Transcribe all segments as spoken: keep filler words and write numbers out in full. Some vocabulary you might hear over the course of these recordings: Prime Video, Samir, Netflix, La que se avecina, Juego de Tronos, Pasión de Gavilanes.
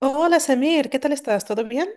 Hola Samir, ¿qué tal estás? ¿Todo bien?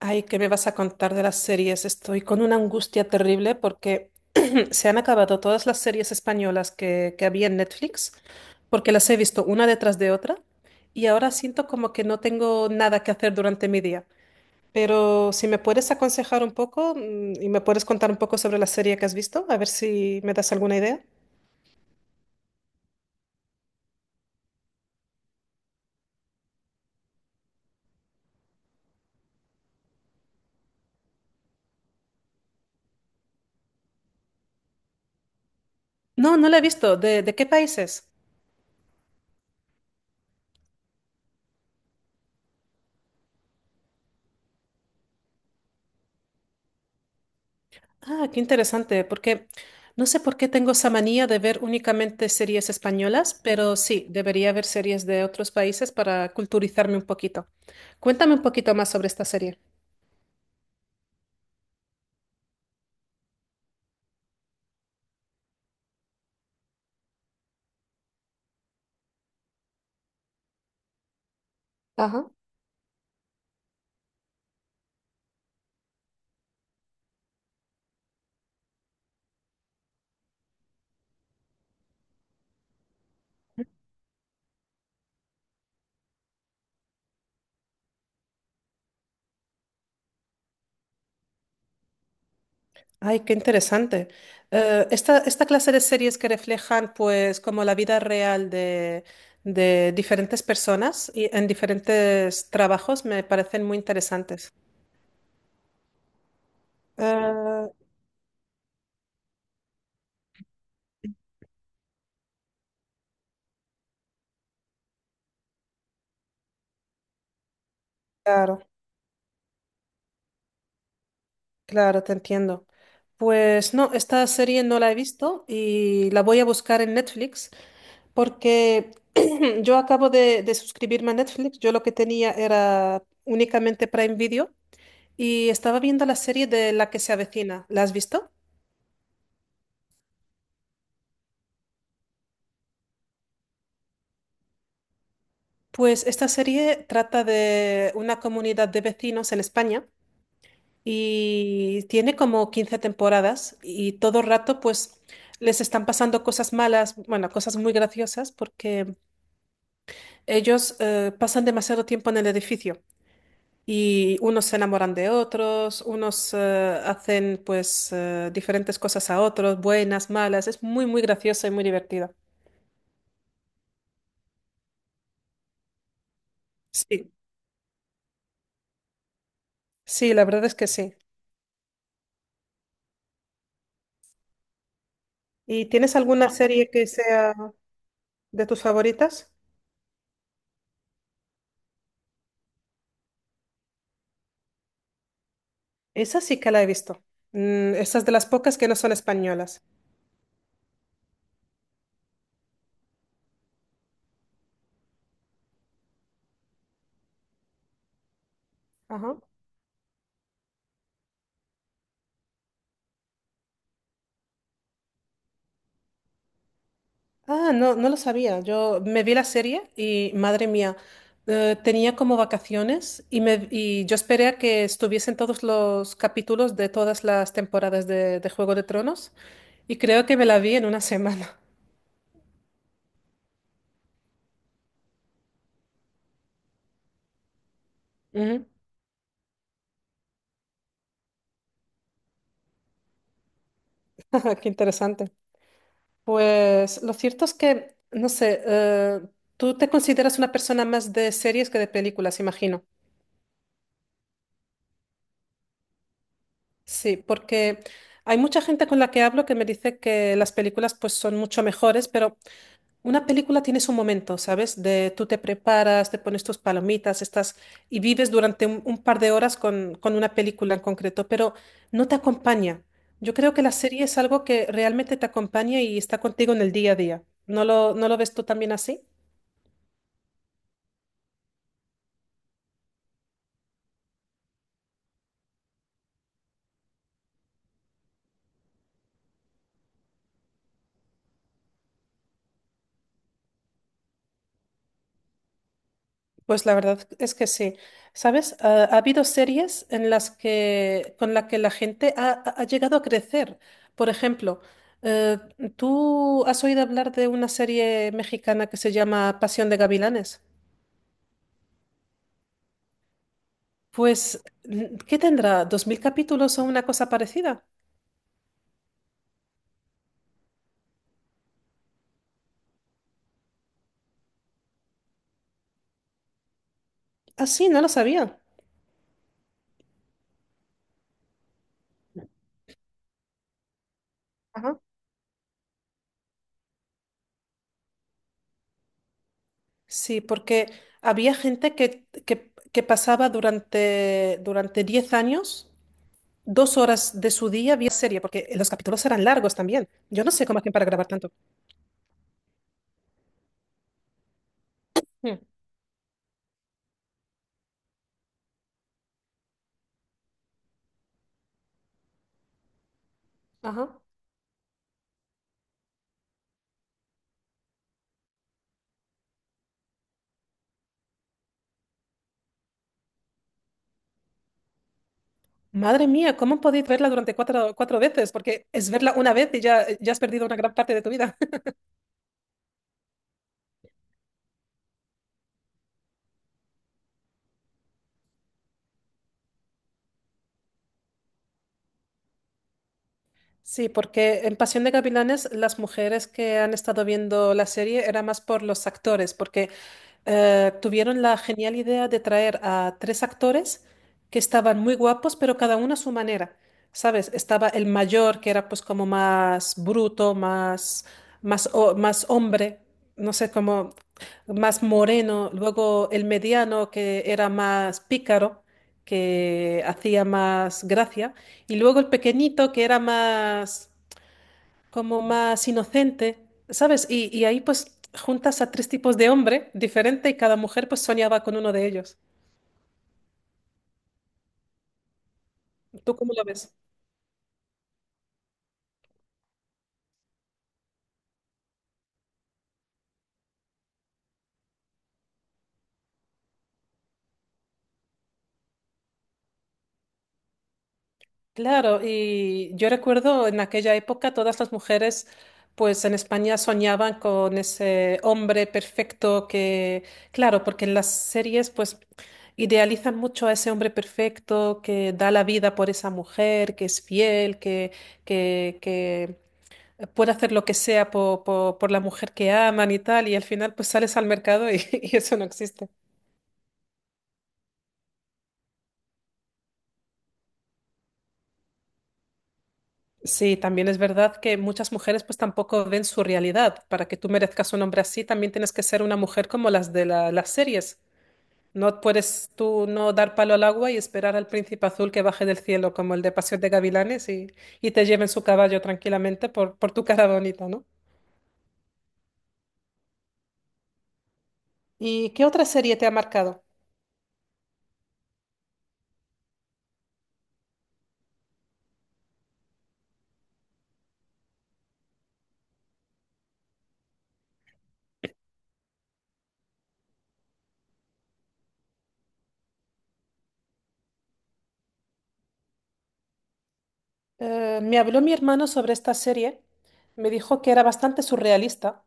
Ay, ¿qué me vas a contar de las series? Estoy con una angustia terrible porque se han acabado todas las series españolas que, que había en Netflix, porque las he visto una detrás de otra y ahora siento como que no tengo nada que hacer durante mi día. Pero si me puedes aconsejar un poco mm, y me puedes contar un poco sobre la serie que has visto, a ver si me das alguna idea. No, no la he visto. ¿De, de qué países? Ah, qué interesante, porque no sé por qué tengo esa manía de ver únicamente series españolas, pero sí, debería ver series de otros países para culturizarme un poquito. Cuéntame un poquito más sobre esta serie. Ajá. Ay, qué interesante. Eh, esta, esta clase de series que reflejan, pues, como la vida real de, de diferentes personas y en diferentes trabajos me parecen muy interesantes. Sí. Eh, claro. Claro, te entiendo. Pues no, esta serie no la he visto y la voy a buscar en Netflix porque yo acabo de, de suscribirme a Netflix. Yo lo que tenía era únicamente Prime Video y estaba viendo la serie de La que se avecina. ¿La has visto? Pues esta serie trata de una comunidad de vecinos en España y tiene como quince temporadas y todo el rato pues les están pasando cosas malas, bueno, cosas muy graciosas porque ellos eh, pasan demasiado tiempo en el edificio y unos se enamoran de otros, unos eh, hacen pues eh, diferentes cosas a otros, buenas, malas. Es muy, muy graciosa y muy divertida. Sí, sí, la verdad es que sí. ¿Y tienes alguna serie que sea de tus favoritas? Esa sí que la he visto. Mm, esa es de las pocas que no son españolas. Ajá. Ah, no, no lo sabía. Yo me vi la serie y, madre mía, eh, tenía como vacaciones y, me, y yo esperé a que estuviesen todos los capítulos de todas las temporadas de, de Juego de Tronos y creo que me la vi en una semana. Ujú. Qué interesante. Pues lo cierto es que, no sé, eh, tú te consideras una persona más de series que de películas, imagino. Sí, porque hay mucha gente con la que hablo que me dice que las películas pues son mucho mejores, pero... Una película tiene su momento, ¿sabes? De tú te preparas, te pones tus palomitas, estás y vives durante un, un par de horas con, con una película en concreto, pero no te acompaña. Yo creo que la serie es algo que realmente te acompaña y está contigo en el día a día. ¿No lo, no lo ves tú también así? Pues la verdad es que sí. ¿Sabes? Ha, ha habido series en las que, con las que la gente ha, ha- ha llegado a crecer. Por ejemplo, eh, ¿tú has oído hablar de una serie mexicana que se llama Pasión de Gavilanes? Pues, mm, ¿qué tendrá? ¿Dos mil capítulos o una cosa parecida? Ah, sí, no lo sabía. Ajá. Sí, porque había gente que, que, que pasaba durante, durante diez años. Dos horas de su día vía serie, porque los capítulos eran largos también. Yo no sé cómo hacían para grabar tanto. Mm. Ajá. Madre mía, ¿cómo podéis verla durante cuatro, cuatro veces? Porque es verla una vez y ya, ya has perdido una gran parte de tu vida. Sí, porque en Pasión de Gavilanes las mujeres que han estado viendo la serie era más por los actores, porque eh, tuvieron la genial idea de traer a tres actores que estaban muy guapos, pero cada uno a su manera. ¿Sabes? Estaba el mayor, que era pues como más bruto, más, más, ho- más hombre, no sé, como más moreno. Luego el mediano, que era más pícaro, que hacía más gracia. Y luego el pequeñito, que era más como más inocente, ¿sabes? Y, y ahí pues juntas a tres tipos de hombre diferente y cada mujer pues soñaba con uno de ellos. ¿Tú cómo lo ves? Claro, y yo recuerdo en aquella época todas las mujeres pues en España soñaban con ese hombre perfecto que, claro, porque en las series pues idealizan mucho a ese hombre perfecto que da la vida por esa mujer, que es fiel, que, que, que puede hacer lo que sea po- po- por la mujer que aman y tal, y al final pues sales al mercado y, y eso no existe. Sí, también es verdad que muchas mujeres pues tampoco ven su realidad. Para que tú merezcas un hombre así, también tienes que ser una mujer como las de la- las series. No puedes tú no dar palo al agua y esperar al príncipe azul que baje del cielo como el de Pasión de Gavilanes y, y te lleven su caballo tranquilamente por, por tu cara bonita, ¿no? ¿Y qué otra serie te ha marcado? Eh, me habló mi hermano sobre esta serie, me dijo que era bastante surrealista,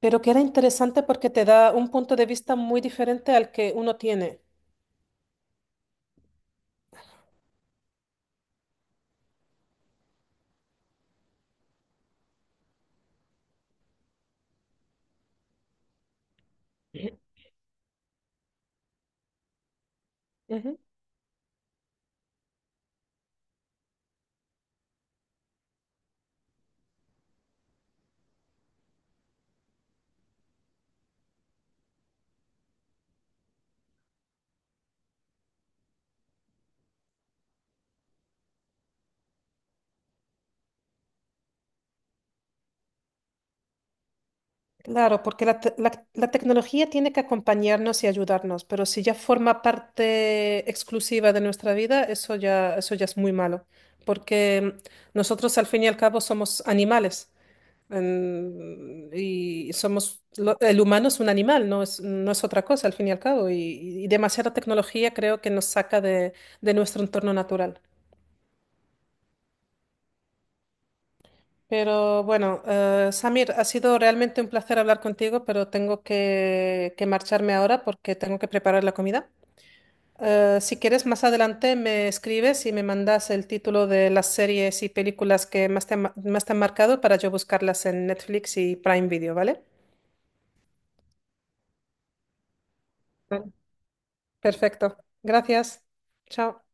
pero que era interesante porque te da un punto de vista muy diferente al que uno tiene. Ujú. Claro, porque la, te- la- la tecnología tiene que acompañarnos y ayudarnos, pero si ya forma parte exclusiva de nuestra vida, eso ya, eso ya es muy malo, porque mm, nosotros al fin y al cabo somos animales. En- y somos, lo- el humano es un animal, no es, no es otra cosa al fin y al cabo. Y, y demasiada tecnología creo que nos saca de, de nuestro entorno natural. Pero bueno, eh, Samir, ha sido realmente un placer hablar contigo, pero tengo que, que marcharme ahora porque tengo que preparar la comida. Eh, si quieres, más adelante me escribes y me mandas el título de las series y películas que más te, han ma- más te han marcado para yo buscarlas en Netflix y Prime Video, ¿vale? Perfecto. Gracias. Chao.